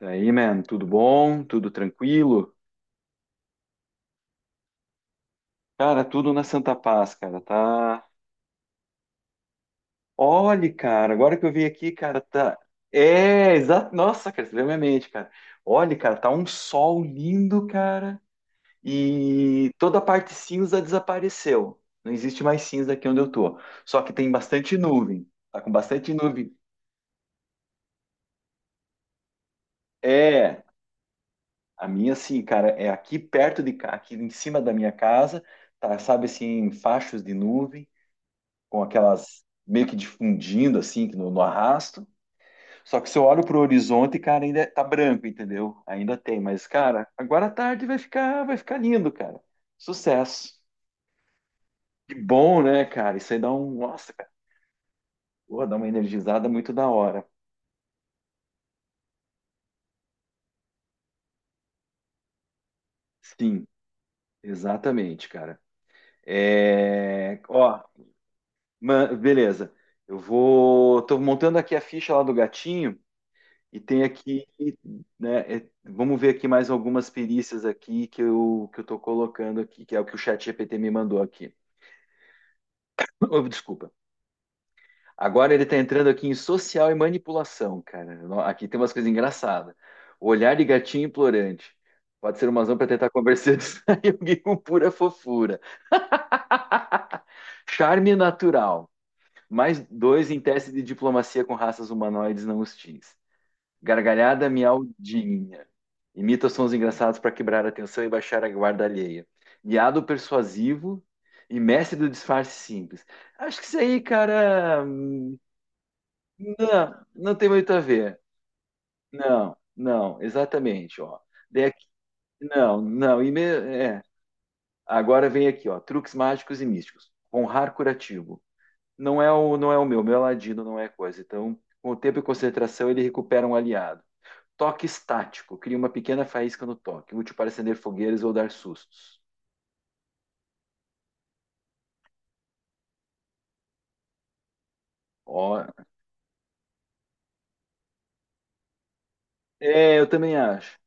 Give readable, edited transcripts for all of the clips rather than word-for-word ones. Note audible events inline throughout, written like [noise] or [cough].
Daí, man, tudo bom? Tudo tranquilo? Cara, tudo na Santa Paz, cara, tá? Olha, cara, agora que eu vi aqui, cara, tá. É, exato. Nossa, cara, você veio à minha mente, cara. Olha, cara, tá um sol lindo, cara, e toda a parte cinza desapareceu. Não existe mais cinza aqui onde eu tô. Só que tem bastante nuvem. Tá com bastante nuvem. É, a minha, assim, cara, é aqui perto de cá, aqui em cima da minha casa, tá, sabe, assim, fachos de nuvem, com aquelas meio que difundindo assim no arrasto. Só que se eu olho pro horizonte, cara, ainda tá branco, entendeu? Ainda tem, mas cara, agora à tarde vai ficar lindo, cara. Sucesso. Que bom, né, cara? Isso aí dá um, nossa, cara, pô, dá uma energizada muito da hora. Sim, exatamente, cara. É, ó, beleza. Tô montando aqui a ficha lá do gatinho. E tem aqui, né, vamos ver aqui mais algumas perícias aqui que eu estou colocando aqui, que é o que o chat GPT me mandou aqui. [clears throat] Oh, desculpa. Agora ele está entrando aqui em social e manipulação, cara. Aqui tem umas coisas engraçadas. Olhar de gatinho implorante. Pode ser uma razão para tentar conversar. [laughs] de alguém com pura fofura. Charme natural. Mais dois em teste de diplomacia com raças humanoides não hostis. Gargalhada miaudinha. Imita sons engraçados para quebrar a atenção e baixar a guarda alheia. Guiado persuasivo e mestre do disfarce simples. Acho que isso aí, cara, não, não tem muito a ver. Não, não, exatamente, ó. Daí, não, não, Agora vem aqui, ó, truques mágicos e místicos. Honrar curativo. Não é o meu, meu é ladino não é coisa. Então, com o tempo e concentração, ele recupera um aliado. Toque estático. Cria uma pequena faísca no toque, útil para acender fogueiras ou dar sustos. Ó, é, eu também acho.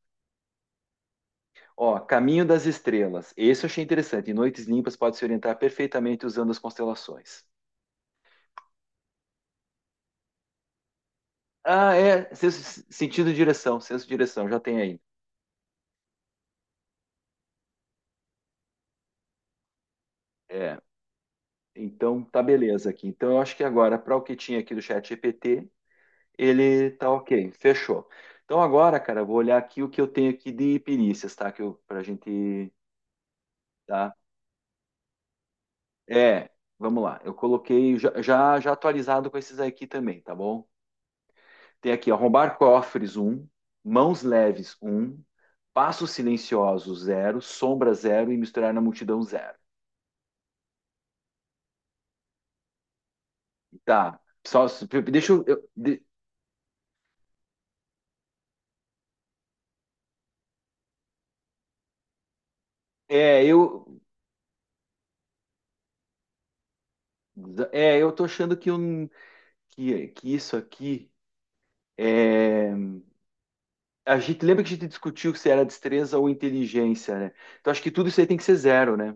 Ó, Caminho das Estrelas. Esse eu achei interessante. Em noites limpas pode se orientar perfeitamente usando as constelações. Ah, é. Sentido de direção. Senso de direção, já tem aí. É. Então, tá beleza aqui. Então, eu acho que agora, para o que tinha aqui do chat GPT, ele tá ok. Fechou. Então, agora, cara, eu vou olhar aqui o que eu tenho aqui de perícias, tá? Que eu, pra gente. Tá? É, vamos lá. Eu coloquei já atualizado com esses aqui também, tá bom? Tem aqui, ó, arrombar cofres um, mãos leves um, passos silenciosos zero, sombra zero e misturar na multidão zero. Tá. Só, deixa eu de- é, eu é, eu tô achando que isso aqui é a gente lembra que a gente discutiu se era destreza ou inteligência, né? Então acho que tudo isso aí tem que ser zero, né?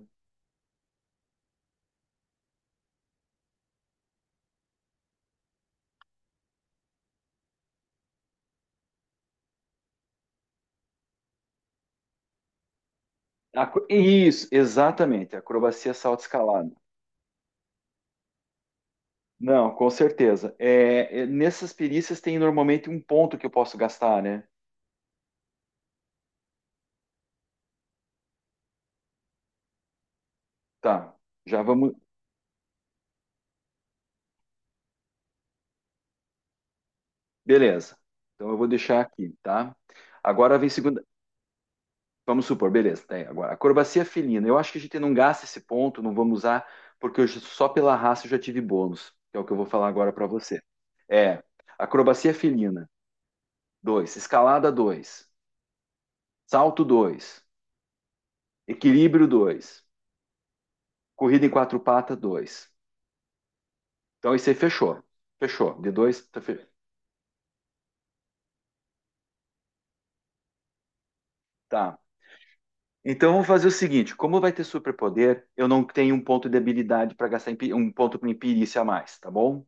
Isso, exatamente. Acrobacia, salto, escalada. Não, com certeza. Nessas perícias tem normalmente um ponto que eu posso gastar, né? Tá, já vamos. Beleza. Então eu vou deixar aqui, tá? Agora vem segunda. Vamos supor, beleza. Tá aí, agora, acrobacia felina. Eu acho que a gente não gasta esse ponto, não vamos usar, porque só pela raça eu já tive bônus, que é o que eu vou falar agora para você. É, acrobacia felina, dois, escalada, 2, salto, 2, equilíbrio, 2, corrida em quatro patas, 2. Então isso aí fechou. Fechou. De dois, tá. Tá. Então vamos fazer o seguinte: como vai ter superpoder, eu não tenho um ponto de habilidade para gastar um ponto com imperícia a mais, tá bom?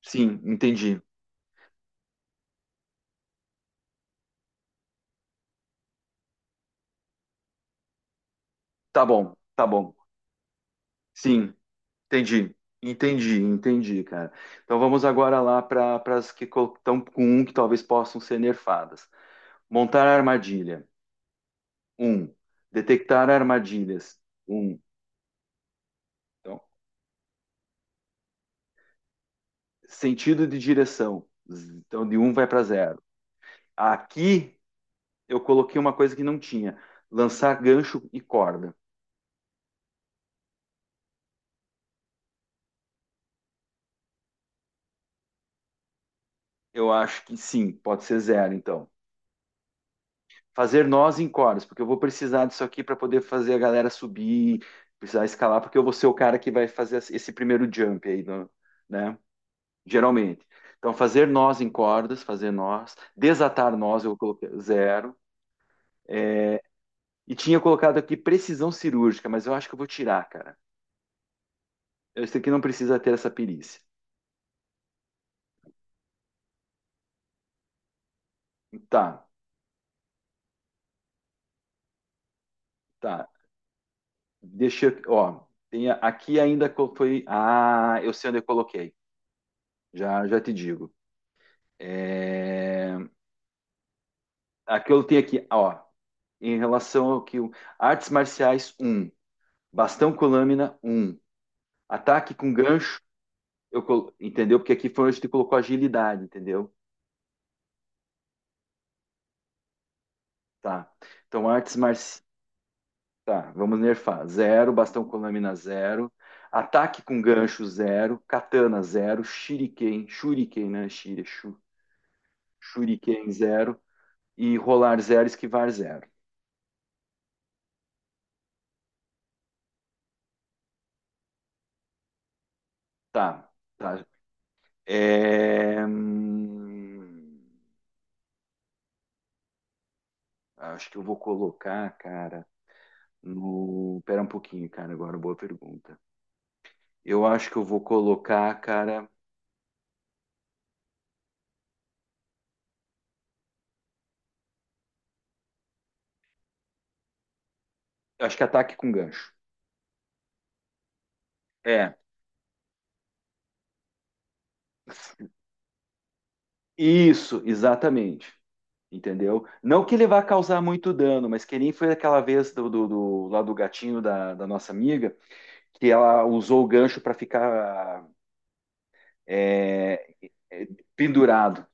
Sim, entendi. Tá bom, tá bom. Sim, entendi. Entendi, entendi, cara. Então vamos agora lá para as que estão com um que talvez possam ser nerfadas. Montar armadilha. Um. Detectar armadilhas. Um. Então, sentido de direção. Então de um vai para zero. Aqui eu coloquei uma coisa que não tinha: lançar gancho e corda. Eu acho que sim, pode ser zero, então. Fazer nós em cordas, porque eu vou precisar disso aqui para poder fazer a galera subir, precisar escalar, porque eu vou ser o cara que vai fazer esse primeiro jump aí, né? Geralmente. Então, fazer nós em cordas, fazer nós, desatar nós, eu coloquei zero. É, E tinha colocado aqui precisão cirúrgica, mas eu acho que eu vou tirar, cara. Esse aqui não precisa ter essa perícia. Tá, tá. Deixa eu, ó, tem aqui ainda que eu fui. Ah, eu sei onde eu coloquei. Já, já te digo. É, aqui eu tenho aqui, ó, em relação ao que artes marciais um, bastão com lâmina 1, ataque com gancho, entendeu? Porque aqui foi onde tu colocou agilidade, entendeu? Tá. Então artes marciais, tá, vamos nerfar. Zero, bastão com lâmina zero, ataque com gancho zero, katana zero, shuriken, né? Shuriken zero e rolar 0, esquivar zero. Tá, tá. É, hum, Acho que eu vou colocar, cara, no. Pera um pouquinho, cara, agora boa pergunta. Eu acho que eu vou colocar, cara. Acho que ataque com gancho. É. Isso, exatamente. Entendeu? Não que ele vá causar muito dano, mas que nem foi aquela vez do lá do gatinho da nossa amiga, que ela usou o gancho para ficar é, É, pendurado.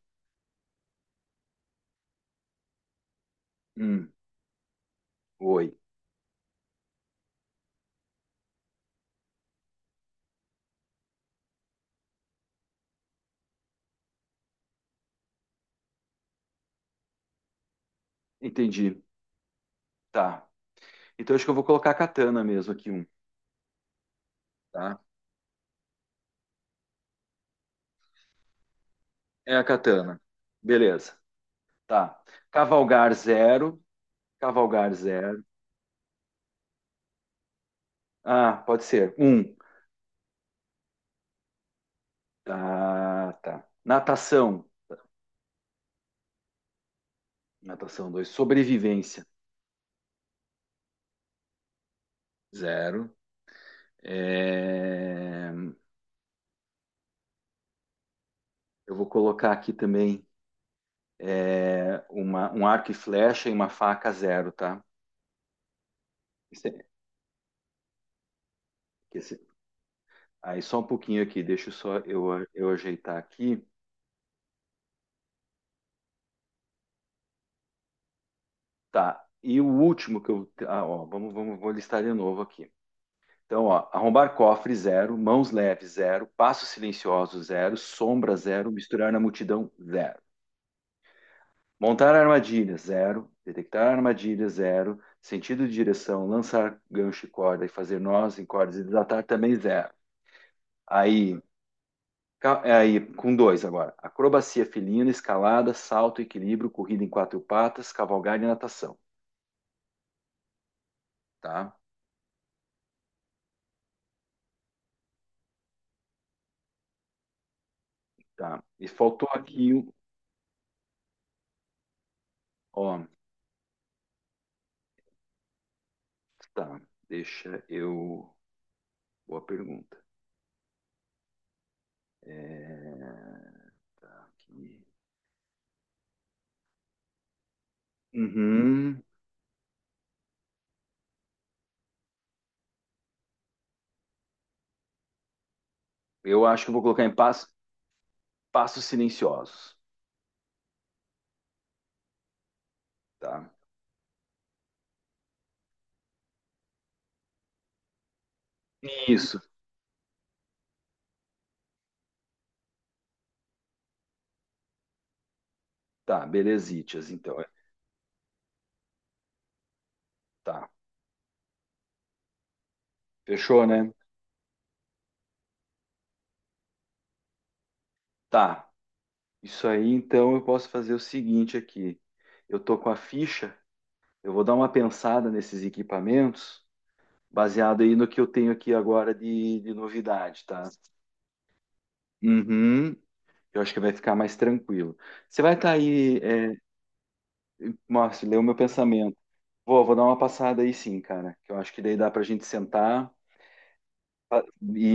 Hum, oi. Entendi. Tá. Então acho que eu vou colocar a katana mesmo aqui, tá? É a katana. Beleza. Tá. Cavalgar zero. Cavalgar zero. Ah, pode ser. Um. Tá, tá. Natação. Natação dois. Sobrevivência. Zero. É, Eu vou colocar aqui também um arco e flecha e uma faca zero, tá? Esse- esse- Aí só um pouquinho aqui, deixa eu ajeitar aqui. Tá. E o último que eu. Ah, ó, vou listar de novo aqui. Então, ó, arrombar cofre, zero. Mãos leves, zero. Passo silencioso, zero. Sombra, zero. Misturar na multidão, zero. Montar armadilha, zero. Detectar armadilha, zero. Sentido de direção, lançar gancho e corda e fazer nós em cordas e desatar também, zero. Aí, é aí, com dois agora. Acrobacia felina, escalada, salto, equilíbrio, corrida em quatro patas, cavalgada e natação. Tá? Tá. E faltou aqui, ó. Tá, deixa eu. Boa pergunta. É, tá aqui. Uhum. Eu acho que eu vou colocar em passos silenciosos, tá? Isso. Tá, belezitas, então. Tá. Fechou, né? Tá. Isso aí, então, eu posso fazer o seguinte aqui. Eu tô com a ficha, eu vou dar uma pensada nesses equipamentos, baseado aí no que eu tenho aqui agora de novidade, tá? Uhum. Eu acho que vai ficar mais tranquilo. Você vai estar aí. Márcio, leu meu pensamento. Vou, vou dar uma passada aí sim, cara. Que eu acho que daí dá pra gente sentar pa- e,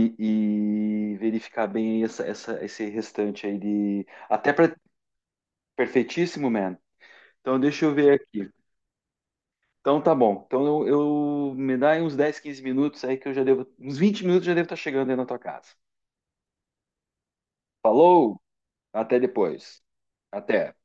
e verificar bem aí esse restante aí de. Até pra... perfeitíssimo, man. Então deixa eu ver aqui. Então tá bom. Então me dá aí uns 10, 15 minutos aí que eu já devo. Uns 20 minutos eu já devo estar chegando aí na tua casa. Falou! Até depois. Até.